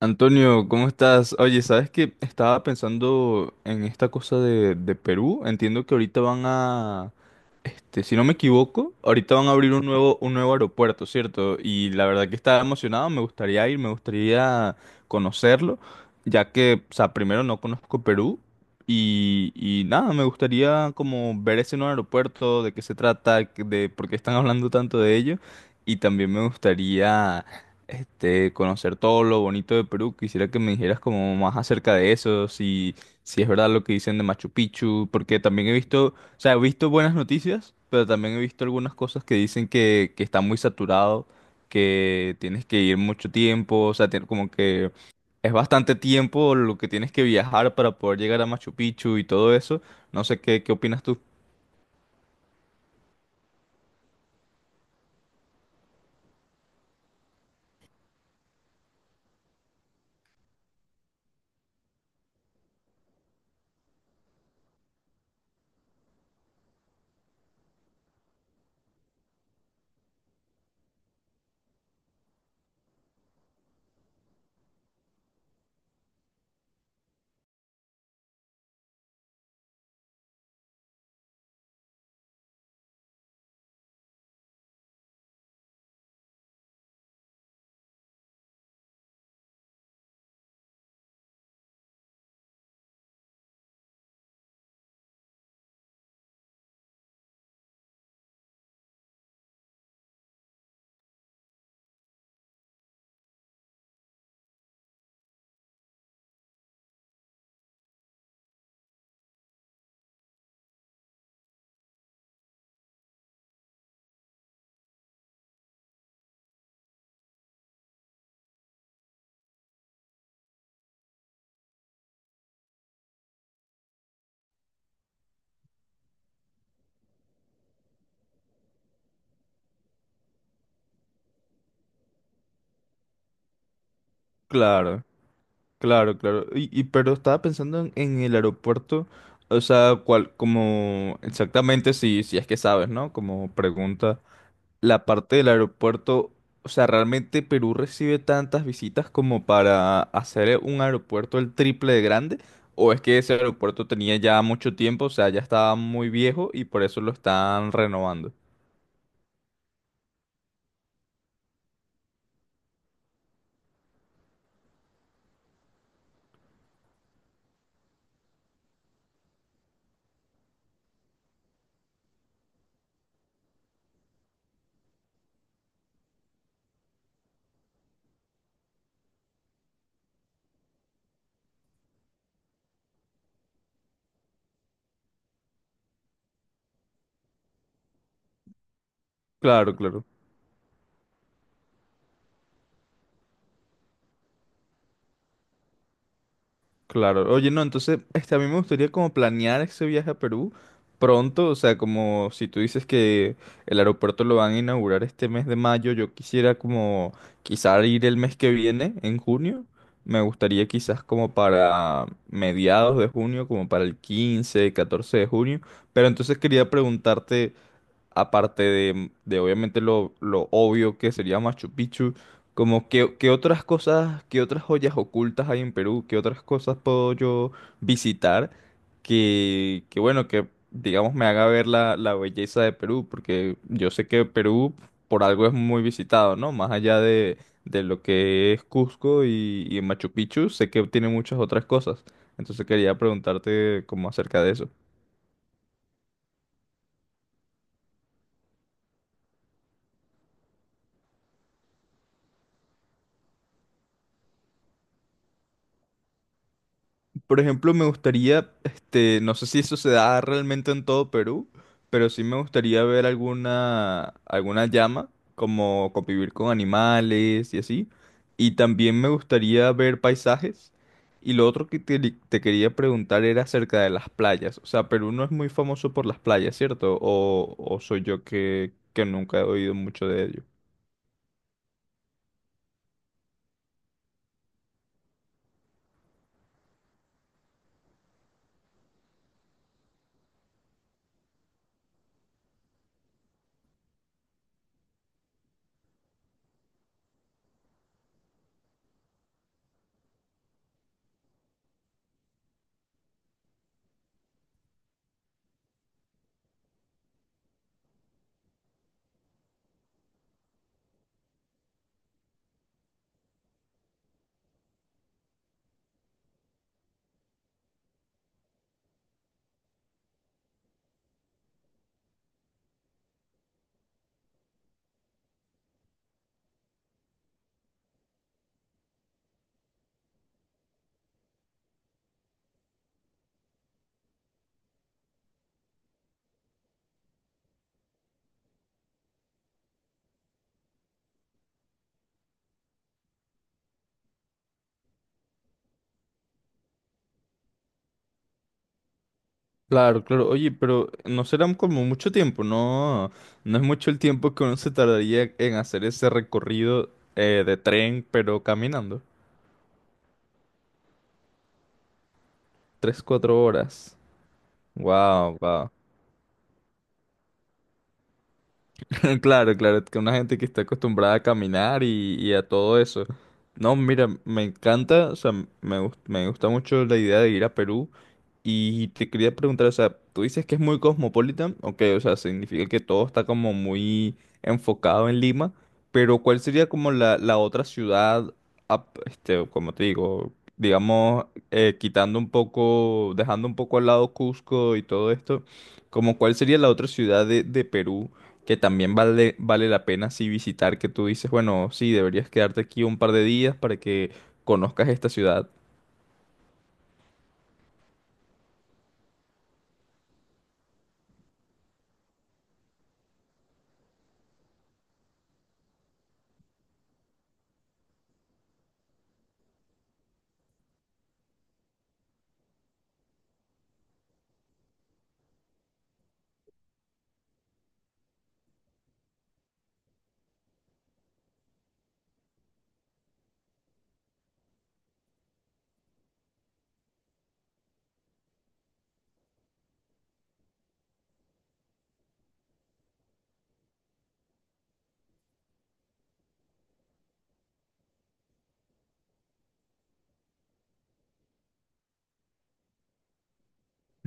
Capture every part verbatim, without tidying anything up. Antonio, ¿cómo estás? Oye, ¿sabes qué? Estaba pensando en esta cosa de, de Perú. Entiendo que ahorita van a, este, si no me equivoco, ahorita van a abrir un nuevo, un nuevo aeropuerto, ¿cierto? Y la verdad que estaba emocionado, me gustaría ir, me gustaría conocerlo, ya que, o sea, primero no conozco Perú y, y nada, me gustaría como ver ese nuevo aeropuerto, de qué se trata, de por qué están hablando tanto de ello. Y también me gustaría este, conocer todo lo bonito de Perú. Quisiera que me dijeras como más acerca de eso, si, si es verdad lo que dicen de Machu Picchu, porque también he visto, o sea, he visto buenas noticias, pero también he visto algunas cosas que dicen que, que está muy saturado, que tienes que ir mucho tiempo, o sea, tien- como que es bastante tiempo lo que tienes que viajar para poder llegar a Machu Picchu y todo eso. No sé qué, qué opinas tú. Claro. Claro, claro. Y, y- pero estaba pensando en, en el aeropuerto, o sea, cuál, como exactamente si, si es que sabes, ¿no? Como pregunta, la parte del aeropuerto, o sea, realmente Perú recibe tantas visitas como para hacer un aeropuerto el triple de grande, o es que ese aeropuerto tenía ya mucho tiempo, o sea, ya estaba muy viejo y por eso lo están renovando. Claro, claro. Claro, oye, no, entonces, este, a mí me gustaría como planear ese viaje a Perú pronto, o sea, como si tú dices que el aeropuerto lo van a inaugurar este mes de mayo, yo quisiera como quizá ir el mes que viene, en junio, me gustaría quizás como para mediados de junio, como para el quince, catorce de junio, pero entonces quería preguntarte, aparte de, de obviamente lo, lo obvio que sería Machu Picchu, como qué, qué otras cosas, qué otras joyas ocultas hay en Perú, qué otras cosas puedo yo visitar que, que bueno, que digamos me haga ver la, la belleza de Perú, porque yo sé que Perú por algo es muy visitado, ¿no? Más allá de, de lo que es Cusco y, y Machu Picchu, sé que tiene muchas otras cosas. Entonces quería preguntarte como acerca de eso. Por ejemplo, me gustaría, este, no sé si eso se da realmente en todo Perú, pero sí me gustaría ver alguna, alguna llama, como convivir con animales y así. Y también me gustaría ver paisajes. Y lo otro que te, te quería preguntar era acerca de las playas. O sea, Perú no es muy famoso por las playas, ¿cierto? O, o soy yo que, que nunca he oído mucho de ello. Claro, claro. Oye, pero no será como mucho tiempo, ¿no? No es mucho el tiempo que uno se tardaría en hacer ese recorrido eh, de tren, pero caminando. Tres, cuatro horas. Wow, wow. Claro, claro, que una gente que está acostumbrada a caminar y, y a todo eso. No, mira, me encanta, o sea, me, gust- me gusta mucho la idea de ir a Perú. Y te quería preguntar, o sea, tú dices que es muy cosmopolita, ok, o sea, significa que todo está como muy enfocado en Lima, pero ¿cuál sería como la, la otra ciudad, ap- este, como te digo, digamos, eh, quitando un poco, dejando un poco al lado Cusco y todo esto, como cuál sería la otra ciudad de, de Perú que también vale, vale la pena sí visitar, que tú dices, bueno, sí, deberías quedarte aquí un par de días para que conozcas esta ciudad?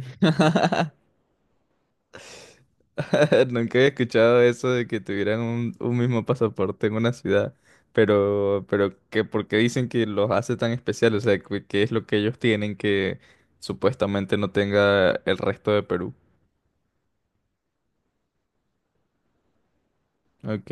Nunca había escuchado eso de que tuvieran un, un mismo pasaporte en una ciudad, pero, pero que por qué dicen que los hace tan especiales, o sea, ¿qué qué es lo que ellos tienen que supuestamente no tenga el resto de Perú? Ok.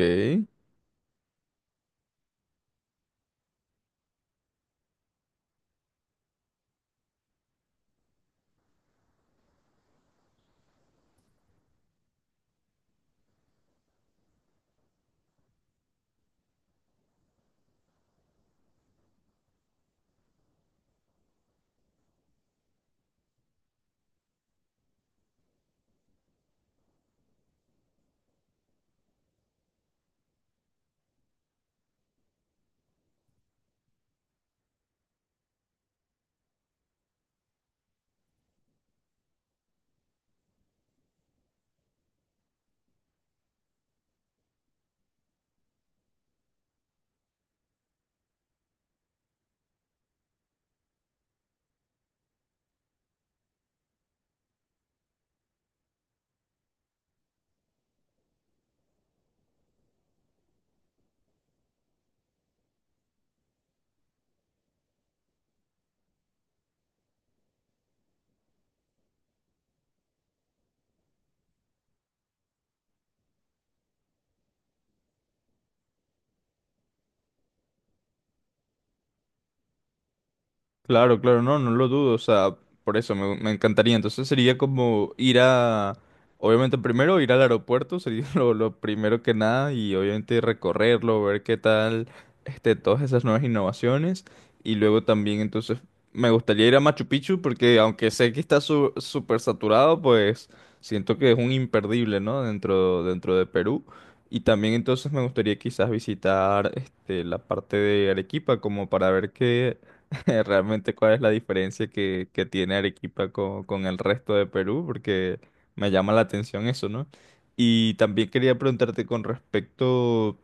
Claro, claro, no, no lo dudo, o sea, por eso me, me encantaría. Entonces sería como ir a, obviamente primero ir al aeropuerto, sería lo, lo primero que nada, y obviamente recorrerlo, ver qué tal, este, todas esas nuevas innovaciones, y luego también entonces me gustaría ir a Machu Picchu, porque aunque sé que está su- súper saturado, pues siento que es un imperdible, ¿no? Dentro, dentro de Perú. Y también entonces me gustaría quizás visitar este, la parte de Arequipa como para ver qué, Realmente, ¿cuál es la diferencia que, que tiene Arequipa con, con el resto de Perú? Porque me llama la atención eso, ¿no? Y también quería preguntarte con respecto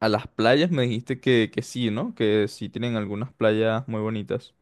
a las playas, me dijiste que, que sí, ¿no? Que sí tienen algunas playas muy bonitas.